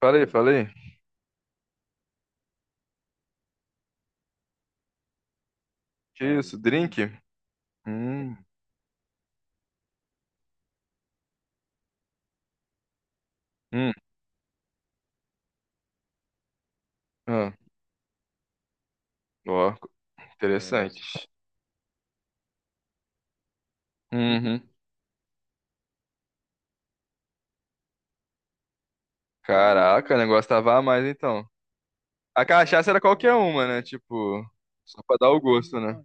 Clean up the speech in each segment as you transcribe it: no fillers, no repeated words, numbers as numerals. Falei, falei. Que isso, drink? Hum, hum, ah, ó. É, interessante. Uhum. Caraca, o negócio tava a mais então. A cachaça era qualquer uma, né? Tipo, só pra dar o gosto, né?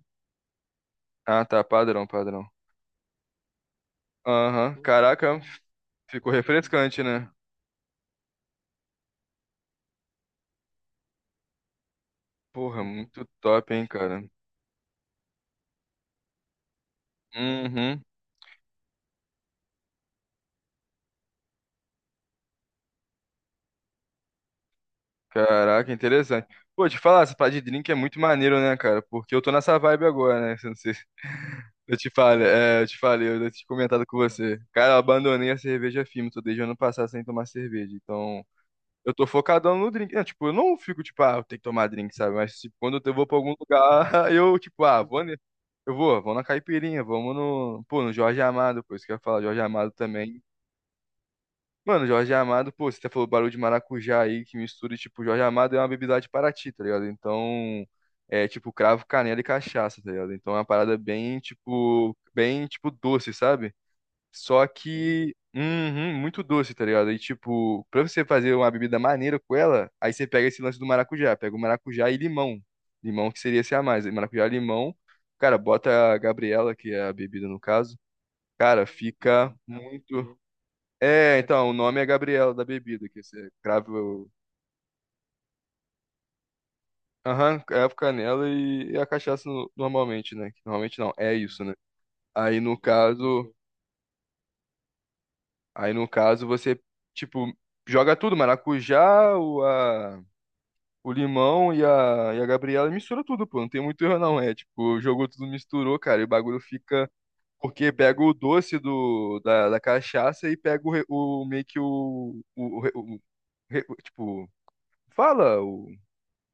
Ah, tá, padrão, padrão. Aham. Caraca, ficou refrescante, né? Porra, muito top, hein, cara. Uhum. Caraca, interessante. Pô, te falar, essa parada de drink é muito maneiro, né, cara? Porque eu tô nessa vibe agora, né? Não sei. Eu te falei, é, eu tinha comentado com você. Cara, eu abandonei a cerveja firme, tô desde o ano passado sem tomar cerveja. Então, eu tô focadão no drink. Não, tipo, eu não fico, tipo, ah, eu tenho que tomar drink, sabe? Mas tipo, quando eu vou pra algum lugar, eu, tipo, ah, eu vou, vamos na caipirinha, vamos no, pô, no Jorge Amado, pô, isso que eu ia falar, Jorge Amado também. Mano, Jorge Amado, pô, você até falou barulho de maracujá aí, que mistura, e, tipo, Jorge Amado é uma bebida lá de Paraty, tá ligado? Então, é tipo cravo, canela e cachaça, tá ligado? Então é uma parada bem, tipo, doce, sabe? Só que, uhum, muito doce, tá ligado? E, tipo, pra você fazer uma bebida maneira com ela, aí você pega esse lance do maracujá, pega o maracujá e limão. Limão que seria esse a mais, aí maracujá e limão. Cara, bota a Gabriela, que é a bebida no caso. Cara, fica muito. É, então, o nome é Gabriela da bebida, que você crava o. Aham, crava canela e a cachaça normalmente, né? Que normalmente não, é isso, né? Aí no caso, aí no caso você, tipo, joga tudo, maracujá, o limão e a Gabriela e mistura tudo, pô. Não tem muito erro não, é tipo, jogou tudo, misturou, cara, e o bagulho fica. Porque pega o doce da cachaça e pega o meio que tipo, fala o.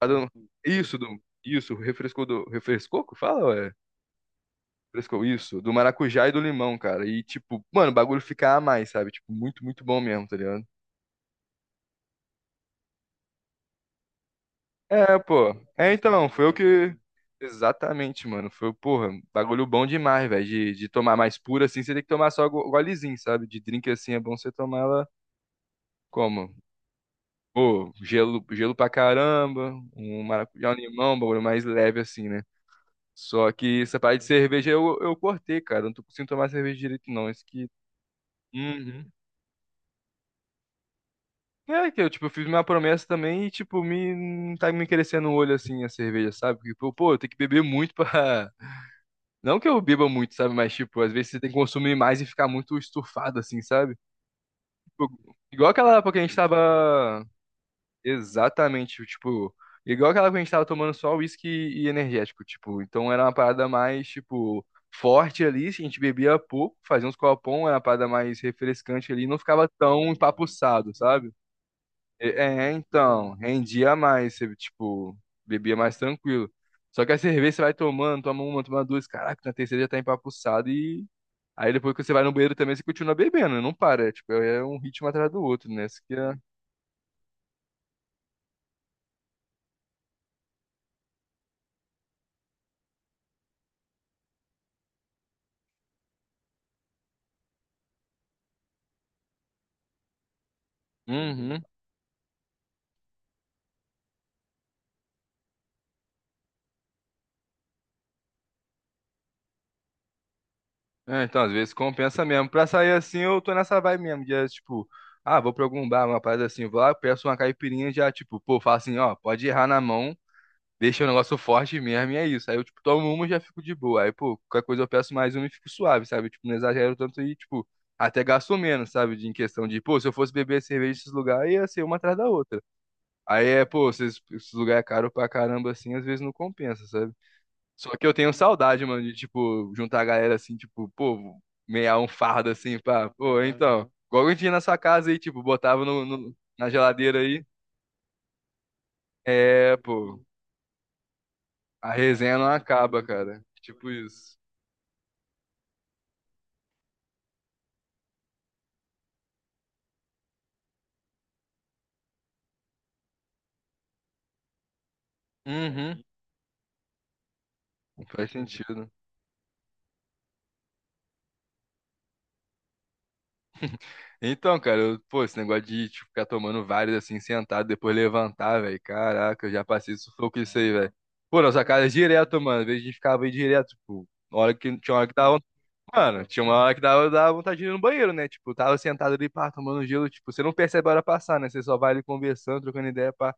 Ah, isso, isso, refrescou do. Refrescou? Que fala, ué. Refrescou isso, do maracujá e do limão, cara. E, tipo, mano, o bagulho fica a mais, sabe? Tipo, muito, muito bom mesmo, tá ligado? É, pô. É, então, foi o que. Exatamente, mano. Foi, porra, bagulho bom demais, velho. De tomar mais pura assim, você tem que tomar só golezinho, sabe? De drink assim é bom você tomar ela como? Pô, gelo, gelo pra caramba, um maracujá, um limão, um bagulho mais leve assim, né? Só que essa parte de cerveja eu cortei, cara. Eu não tô conseguindo tomar cerveja direito, não. Isso que. Uhum. É que eu, tipo, fiz minha promessa também e, tipo, me não tá me crescendo o olho assim a cerveja, sabe? Porque, pô, eu tenho que beber muito pra. Não que eu beba muito, sabe? Mas, tipo, às vezes você tem que consumir mais e ficar muito estufado, assim, sabe? Tipo, igual aquela época que a gente tava. Exatamente, tipo, igual aquela que a gente tava tomando só uísque e energético, tipo, então era uma parada mais, tipo, forte ali, a gente bebia pouco, fazia uns copão, era uma parada mais refrescante ali, não ficava tão empapuçado, sabe? É, é, então, rendia mais, você, tipo, bebia mais tranquilo. Só que a cerveja você vai tomando, toma uma, toma duas, caraca, na terceira já tá empapuçado e aí depois que você vai no banheiro também você continua bebendo, não para, tipo, é um ritmo atrás do outro, né? Isso que é... Uhum. É, então, às vezes compensa mesmo. Pra sair assim, eu tô nessa vibe mesmo. De, tipo, ah, vou pra algum bar, uma parada assim, vou lá, peço uma caipirinha, já, tipo, pô, faço assim, ó, pode errar na mão, deixa o negócio forte mesmo, e é isso. Aí eu, tipo, tomo uma e já fico de boa. Aí, pô, qualquer coisa eu peço mais uma e fico suave, sabe? Tipo, não exagero tanto e, tipo, até gasto menos, sabe? De, em questão de, pô, se eu fosse beber cerveja nesses lugares, ia ser uma atrás da outra. Aí é, pô, esses lugares é caro pra caramba, assim, às vezes não compensa, sabe? Só que eu tenho saudade, mano, de, tipo, juntar a galera assim, tipo, pô, meia um fardo assim, pá, pô, então, aham, igual eu tinha na sua casa aí, tipo, botava na geladeira aí. É, pô, a resenha não acaba, cara. Tipo isso. Uhum. Faz sentido. Então, cara, pô, esse negócio de tipo, ficar tomando vários assim, sentado, depois levantar, velho. Caraca, eu já passei sufoco isso aí, velho. Pô, nossa casa é direto, mano. Às vezes a gente ficava aí direto, tipo, na hora que, tinha hora que tava. Mano, tinha uma hora que dava, dava vontade de ir no banheiro, né? Tipo, tava sentado ali, pá, tomando gelo. Tipo, você não percebe a hora passar, né? Você só vai ali conversando, trocando ideia, pá.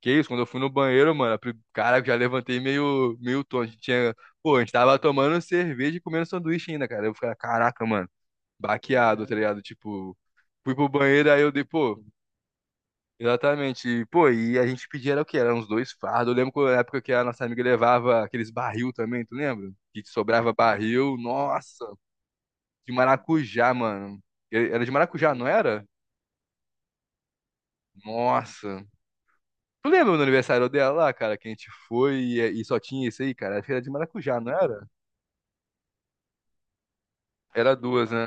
Que isso, quando eu fui no banheiro, mano, cara, eu já levantei meio, meio tonto. Pô, a gente tava tomando cerveja e comendo sanduíche ainda, cara. Eu ficava, caraca, mano, baqueado, tá ligado? Tipo, fui pro banheiro, aí eu dei, pô, exatamente. E, pô, e a gente pedia, era o quê? Era uns dois fardos. Eu lembro que na época que a nossa amiga levava aqueles barril também, tu lembra? Que sobrava barril, nossa de maracujá, mano. Era de maracujá, não era? Nossa. Tu lembra do aniversário dela lá, cara, que a gente foi e só tinha isso aí, cara? Acho que era de maracujá, não era? Era duas, né?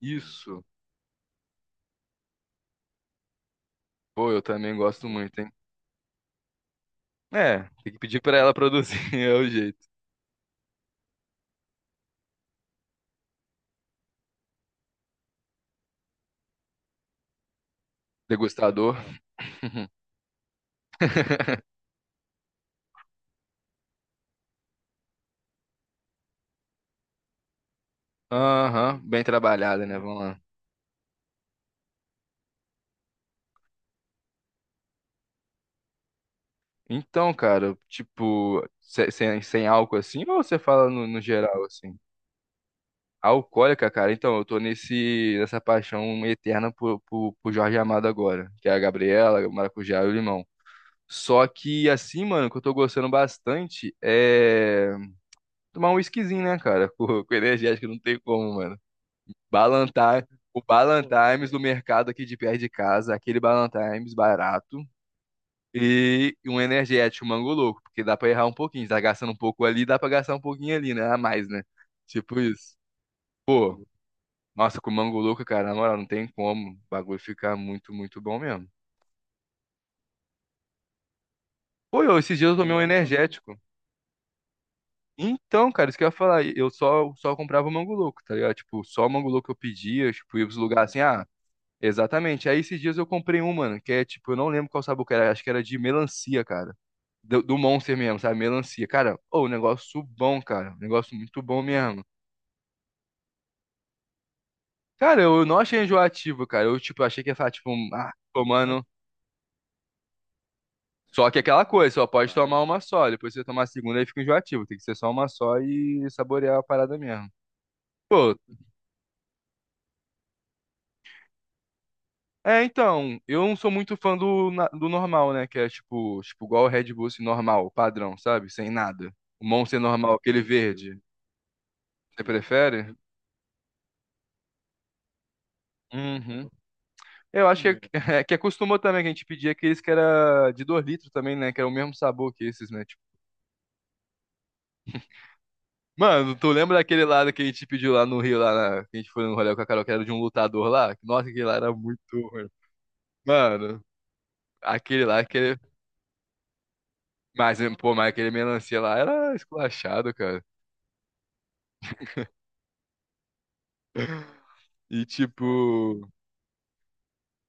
Isso. Pô, eu também gosto muito, hein? É, tem que pedir pra ela produzir, é o jeito. Degustador. Aham, bem trabalhada, né? Vamos lá. Então, cara, tipo, sem álcool assim, ou você fala no geral assim? Alcoólica, cara, então, eu tô nessa paixão eterna por Jorge Amado agora, que é a Gabriela, o Maracujá e o Limão. Só que, assim, mano, o que eu tô gostando bastante é tomar um whiskyzinho, né, cara? Com energético não tem como, mano. Balantar, o Ballantimes do mercado aqui de perto de casa, aquele Ballantimes barato e um energético, um mango louco, porque dá pra errar um pouquinho, tá gastando um pouco ali, dá pra gastar um pouquinho ali, né? A mais, né? Tipo isso. Nossa, com Mango Louco, cara, na moral, não tem como. O bagulho ficar muito, muito bom mesmo. Pô, esses dias eu tomei um energético. Então, cara, isso que eu ia falar. Eu só comprava o Mango Louco, tá ligado? Tipo, só o Mango Louco eu pedia, tipo, ia pros lugares assim, ah, exatamente. Aí esses dias eu comprei um, mano, que é tipo, eu não lembro qual sabor que era, acho que era de melancia, cara. Do Monster mesmo, sabe? Melancia. Cara, ô, um negócio bom, cara. Um negócio muito bom mesmo. Cara, eu não achei enjoativo, cara. Eu, tipo, achei que ia falar, tipo, um, ah, tomando. Só que é aquela coisa, só pode tomar uma só. Depois você tomar a segunda aí fica enjoativo. Tem que ser só uma só e saborear a parada mesmo. Pô, é então, eu não sou muito fã do normal, né? Que é tipo, igual o Red Bull assim, normal, padrão, sabe? Sem nada. O Monster normal, aquele verde. Você prefere? Uhum. Eu acho que é, é que acostumou também que a gente pedia aqueles que era de 2 litros também, né? Que era o mesmo sabor que esses, né? Mano, tu lembra daquele lado que a gente pediu lá no Rio, que a gente foi no rolê com a Carol, que era de um lutador lá? Nossa, aquele lá era muito ruim. Mano, aquele lá, aquele... Mas, pô, aquele melancia lá era esculachado, cara. E, tipo...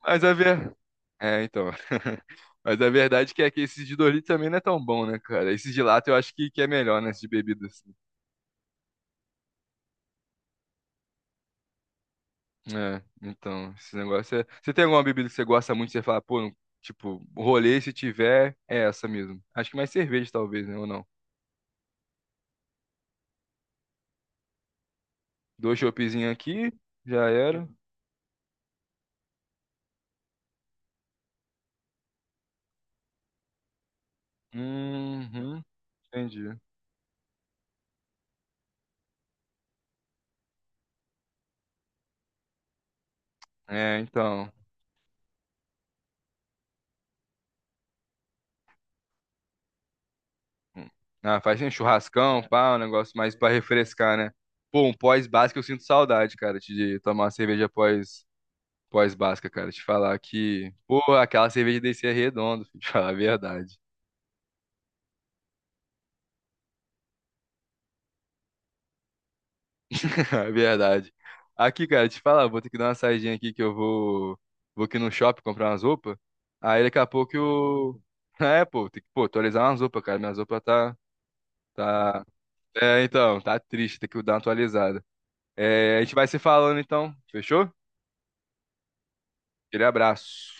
Mas a ver... É, então... Mas a verdade é que esses de Doritos também não é tão bom, né, cara? Esse de lata eu acho que é melhor, né, esse de bebidas. É, então, esse negócio é. Você tem alguma bebida que você gosta muito, você fala, pô, tipo, rolê se tiver, é essa mesmo. Acho que mais cerveja, talvez, né? Ou não? Dois choppzinhos aqui, já era. Uhum, entendi. É, então. Ah, faz um churrascão, pá, um negócio mais pra refrescar, né? Pô, um pós-basca eu sinto saudade, cara, de tomar uma cerveja pós-basca, cara. Te falar que, pô, aquela cerveja desse é redondo, filho, te falar a verdade. É verdade. Aqui, cara, te falar, vou ter que dar uma saidinha aqui que eu vou aqui no shopping comprar umas roupas. Aí daqui a pouco eu. É, pô, tem que, pô, atualizar umas roupas, cara. Minhas roupas tá, tá. É, então, tá triste, tem que dar uma atualizada. É, a gente vai se falando então, fechou? Aquele abraço.